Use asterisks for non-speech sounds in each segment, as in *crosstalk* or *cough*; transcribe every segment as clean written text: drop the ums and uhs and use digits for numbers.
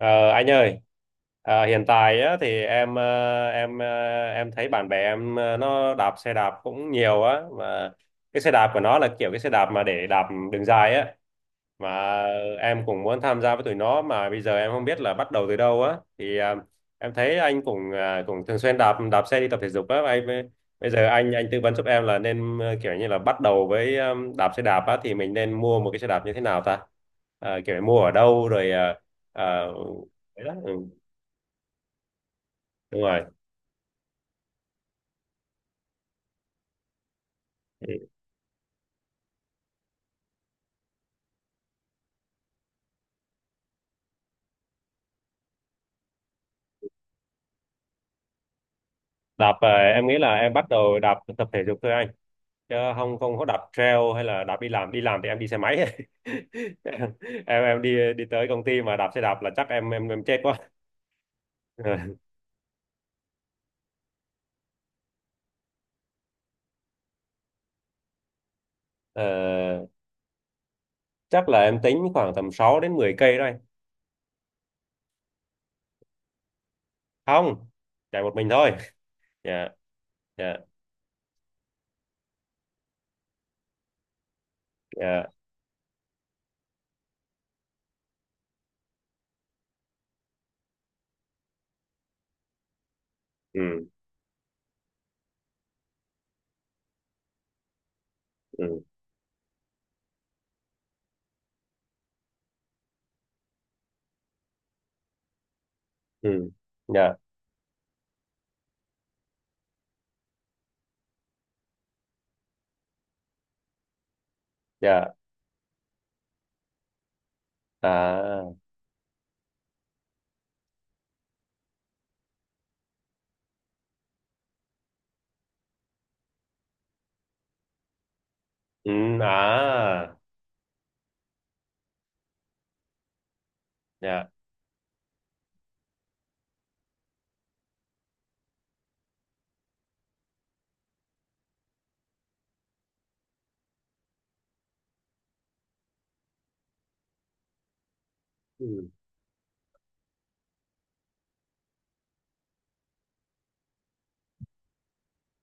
Ờ, anh ơi, hiện tại á, thì em ờ, em thấy bạn bè em nó đạp xe đạp cũng nhiều á, mà cái xe đạp của nó là kiểu cái xe đạp mà để đạp đường dài á, mà em cũng muốn tham gia với tụi nó, mà bây giờ em không biết là bắt đầu từ đâu á, thì em thấy anh cũng cũng thường xuyên đạp đạp xe đi tập thể dục á, anh mới- bây giờ anh tư vấn giúp em là nên kiểu như là bắt đầu với đạp xe đạp á thì mình nên mua một cái xe đạp như thế nào ta. Ờ, kiểu mua ở đâu, rồi ừ, đấy đó, ừ, đúng rồi. Ừ. Đạp em nghĩ là em bắt đầu đạp tập thể dục thôi anh, chứ không không có đạp trail hay là đạp đi làm. Đi làm thì em đi xe máy. *laughs* Em đi đi tới công ty mà đạp xe đạp là chắc em chết quá. *laughs* Ờ, chắc là em tính khoảng tầm 6 đến 10 cây thôi. Không, chạy một mình thôi. Dạ. Dạ. Dạ. Ừ. Ừ. Ừ. Dạ. Dạ. À. Ừ. À. Dạ. Ừ.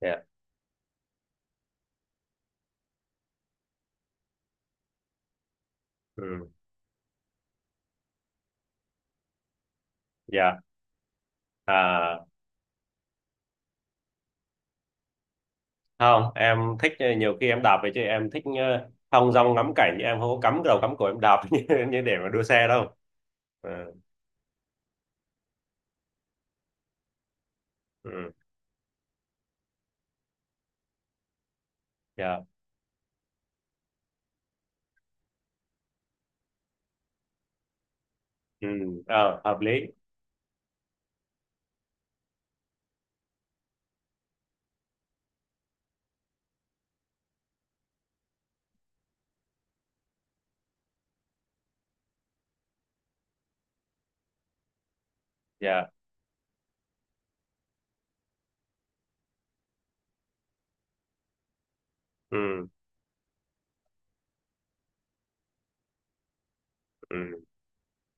Dạ. Ừ. Dạ. À. Không, em thích, nhiều khi em đạp về chứ em thích thong dong ngắm cảnh, em không có cắm đầu cắm cổ em đạp *laughs* như, như để mà đua xe đâu. Ừ. Ừ. Dạ. Ừ. Ờ, hợp lý. Dạ. Ừ. Ừ.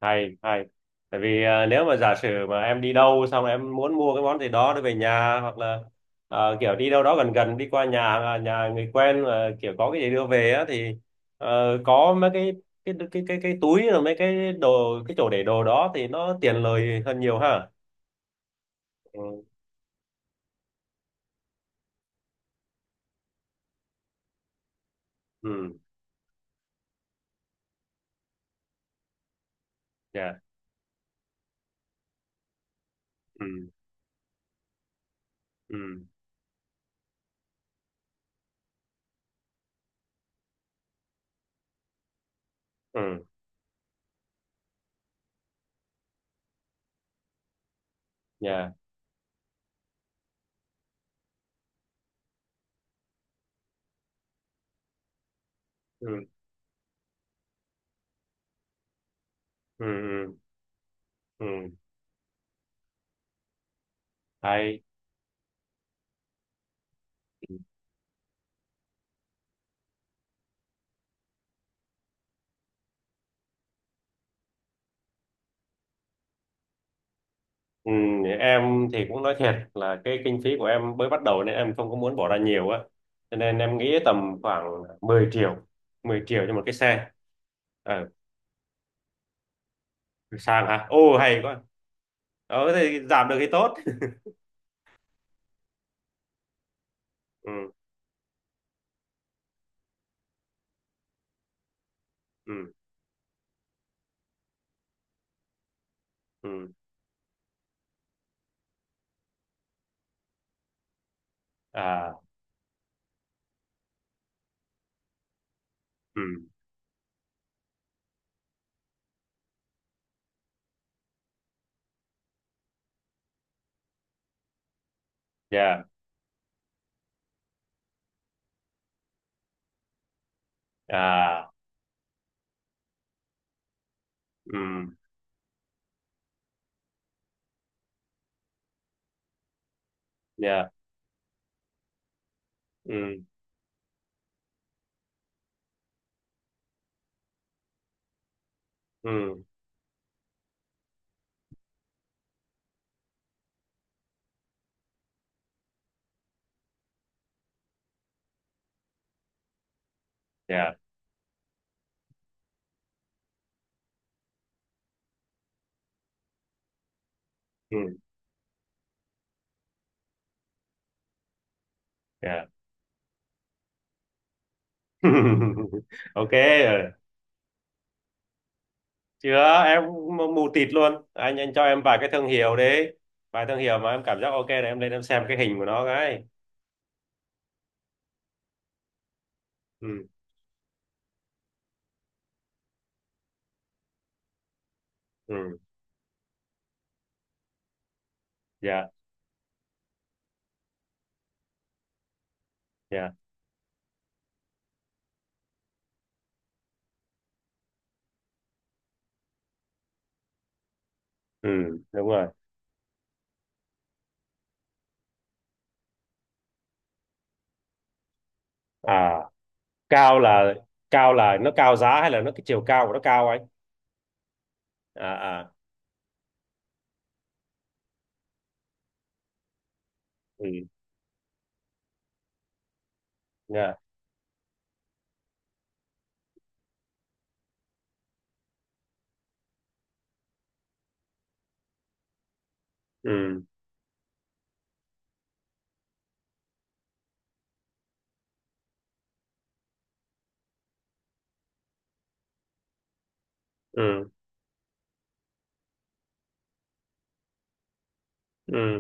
Hay hay. Tại vì nếu mà giả sử mà em đi đâu xong em muốn mua cái món gì đó để về nhà, hoặc là kiểu đi đâu đó gần gần, đi qua nhà người quen mà kiểu có cái gì đưa về á, thì có mấy cái, cái túi rồi mấy cái đồ, cái chỗ để đồ đó thì nó tiện lợi hơn nhiều ha. Ừ. Ừ. Dạ. Ừ. Ừ. Ừ. Dạ. Ừ. Ừ. Ừ. Ừ. Hay. Ừ, em thì cũng nói thiệt là cái kinh phí của em mới bắt đầu nên em không có muốn bỏ ra nhiều á, cho nên em nghĩ tầm khoảng 10 triệu. 10 triệu cho một cái xe. Ờ. Sang hả, ô hay quá. Ờ thì giảm được thì tốt. *laughs* Ừ. Ừ. Ừ. À. Ừ. Dạ. À. Ừ. Dạ. Ừ. Ừ. Dạ. Ừ. Dạ. *laughs* Ok. Rồi. Chưa, em cũng mù tịt luôn. Anh cho em vài cái thương hiệu đấy. Vài thương hiệu mà em cảm giác ok là em lên em xem cái hình của nó cái. Ừ. Ừ. Dạ. Dạ. Ừ, đúng rồi. À, cao là, cao là nó cao giá hay là nó cái chiều cao của nó cao anh? À à. Ừ. Dạ. Ừ. Ừ. Ừ.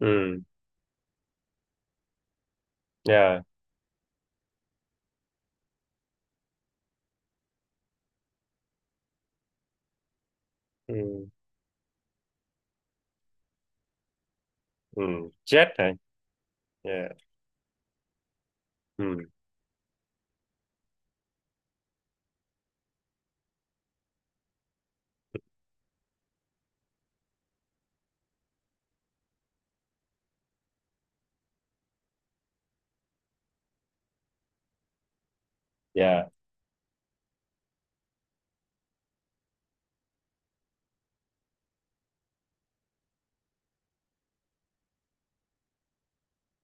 Ừ. Dạ. Ừ. Ừ, jet hả? Dạ. Ừ. Dạ.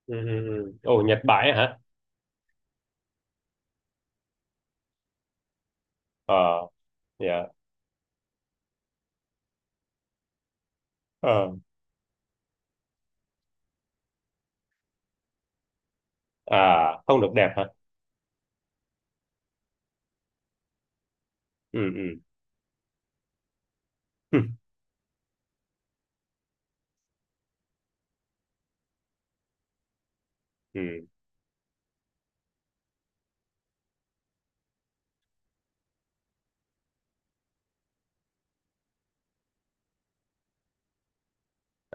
Ừ. Ừ. Ừ. Ồ, Nhật bãi hả? Ờ. Dạ. Ờ. À, không được đẹp hả? Ừ. Ừ. *laughs* Ừ.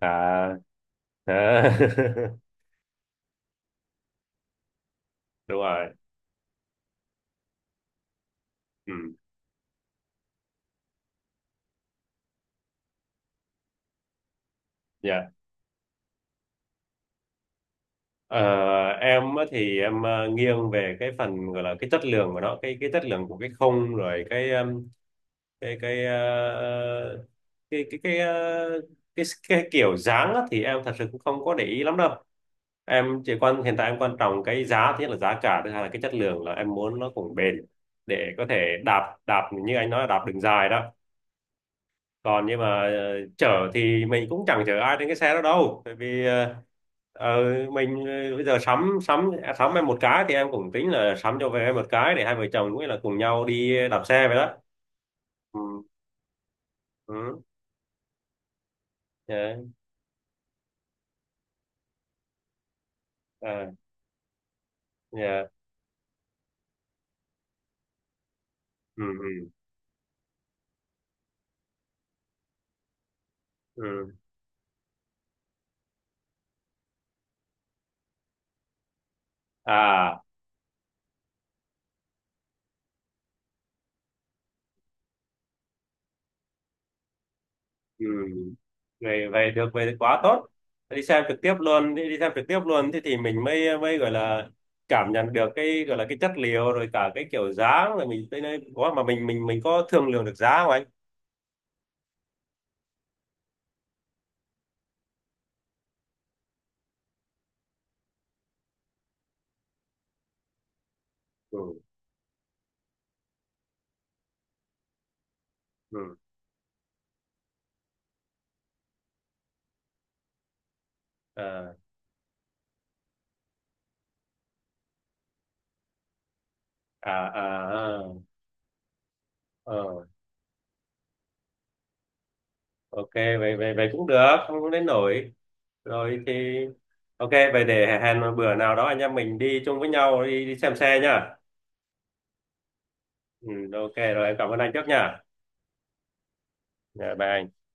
À thế. *laughs* Đúng rồi. Ừ. Dạ. Ờ, em á thì em nghiêng về cái phần gọi là cái chất lượng của nó, cái chất lượng của cái không, rồi cái cái cái ờ, cái cái cái, ờ, cái kiểu dáng á, thì em thật sự cũng không có để ý lắm đâu. Em chỉ quan, hiện tại em quan trọng cái giá, thứ nhất là giá cả, thứ hai là cái chất lượng, là em muốn nó cũng bền để có thể đạp đạp như anh nói là đạp đường dài đó. Còn nhưng mà chở thì mình cũng chẳng chở ai trên cái xe đó đâu, tại vì ờ, mình bây giờ sắm sắm à, sắm em một cái thì em cũng tính là sắm cho về em một cái để hai vợ chồng cũng là cùng nhau đi đạp xe vậy đó. Ừ. Ừ. Yeah. À. Yeah. Ừ. Ừ. Ừ. À. Ừ. Vậy, vậy được, vậy thì quá tốt. Đi xem trực tiếp luôn, đi, đi xem trực tiếp luôn thì mình mới mới gọi là cảm nhận được cái gọi là cái chất liệu rồi cả cái kiểu dáng. Rồi mình tới nơi có mà mình có thương lượng được giá không anh? Ừ. Ừ. À, à, à, à. Ờ, ok vậy vậy vậy cũng được, không không đến nổi. Rồi thì ok, vậy để hẹn một bữa nào đó anh em mình đi chung với nhau đi, đi xem xe nha. Ừ, ok rồi, em cảm ơn anh trước nha. Dạ, bye anh.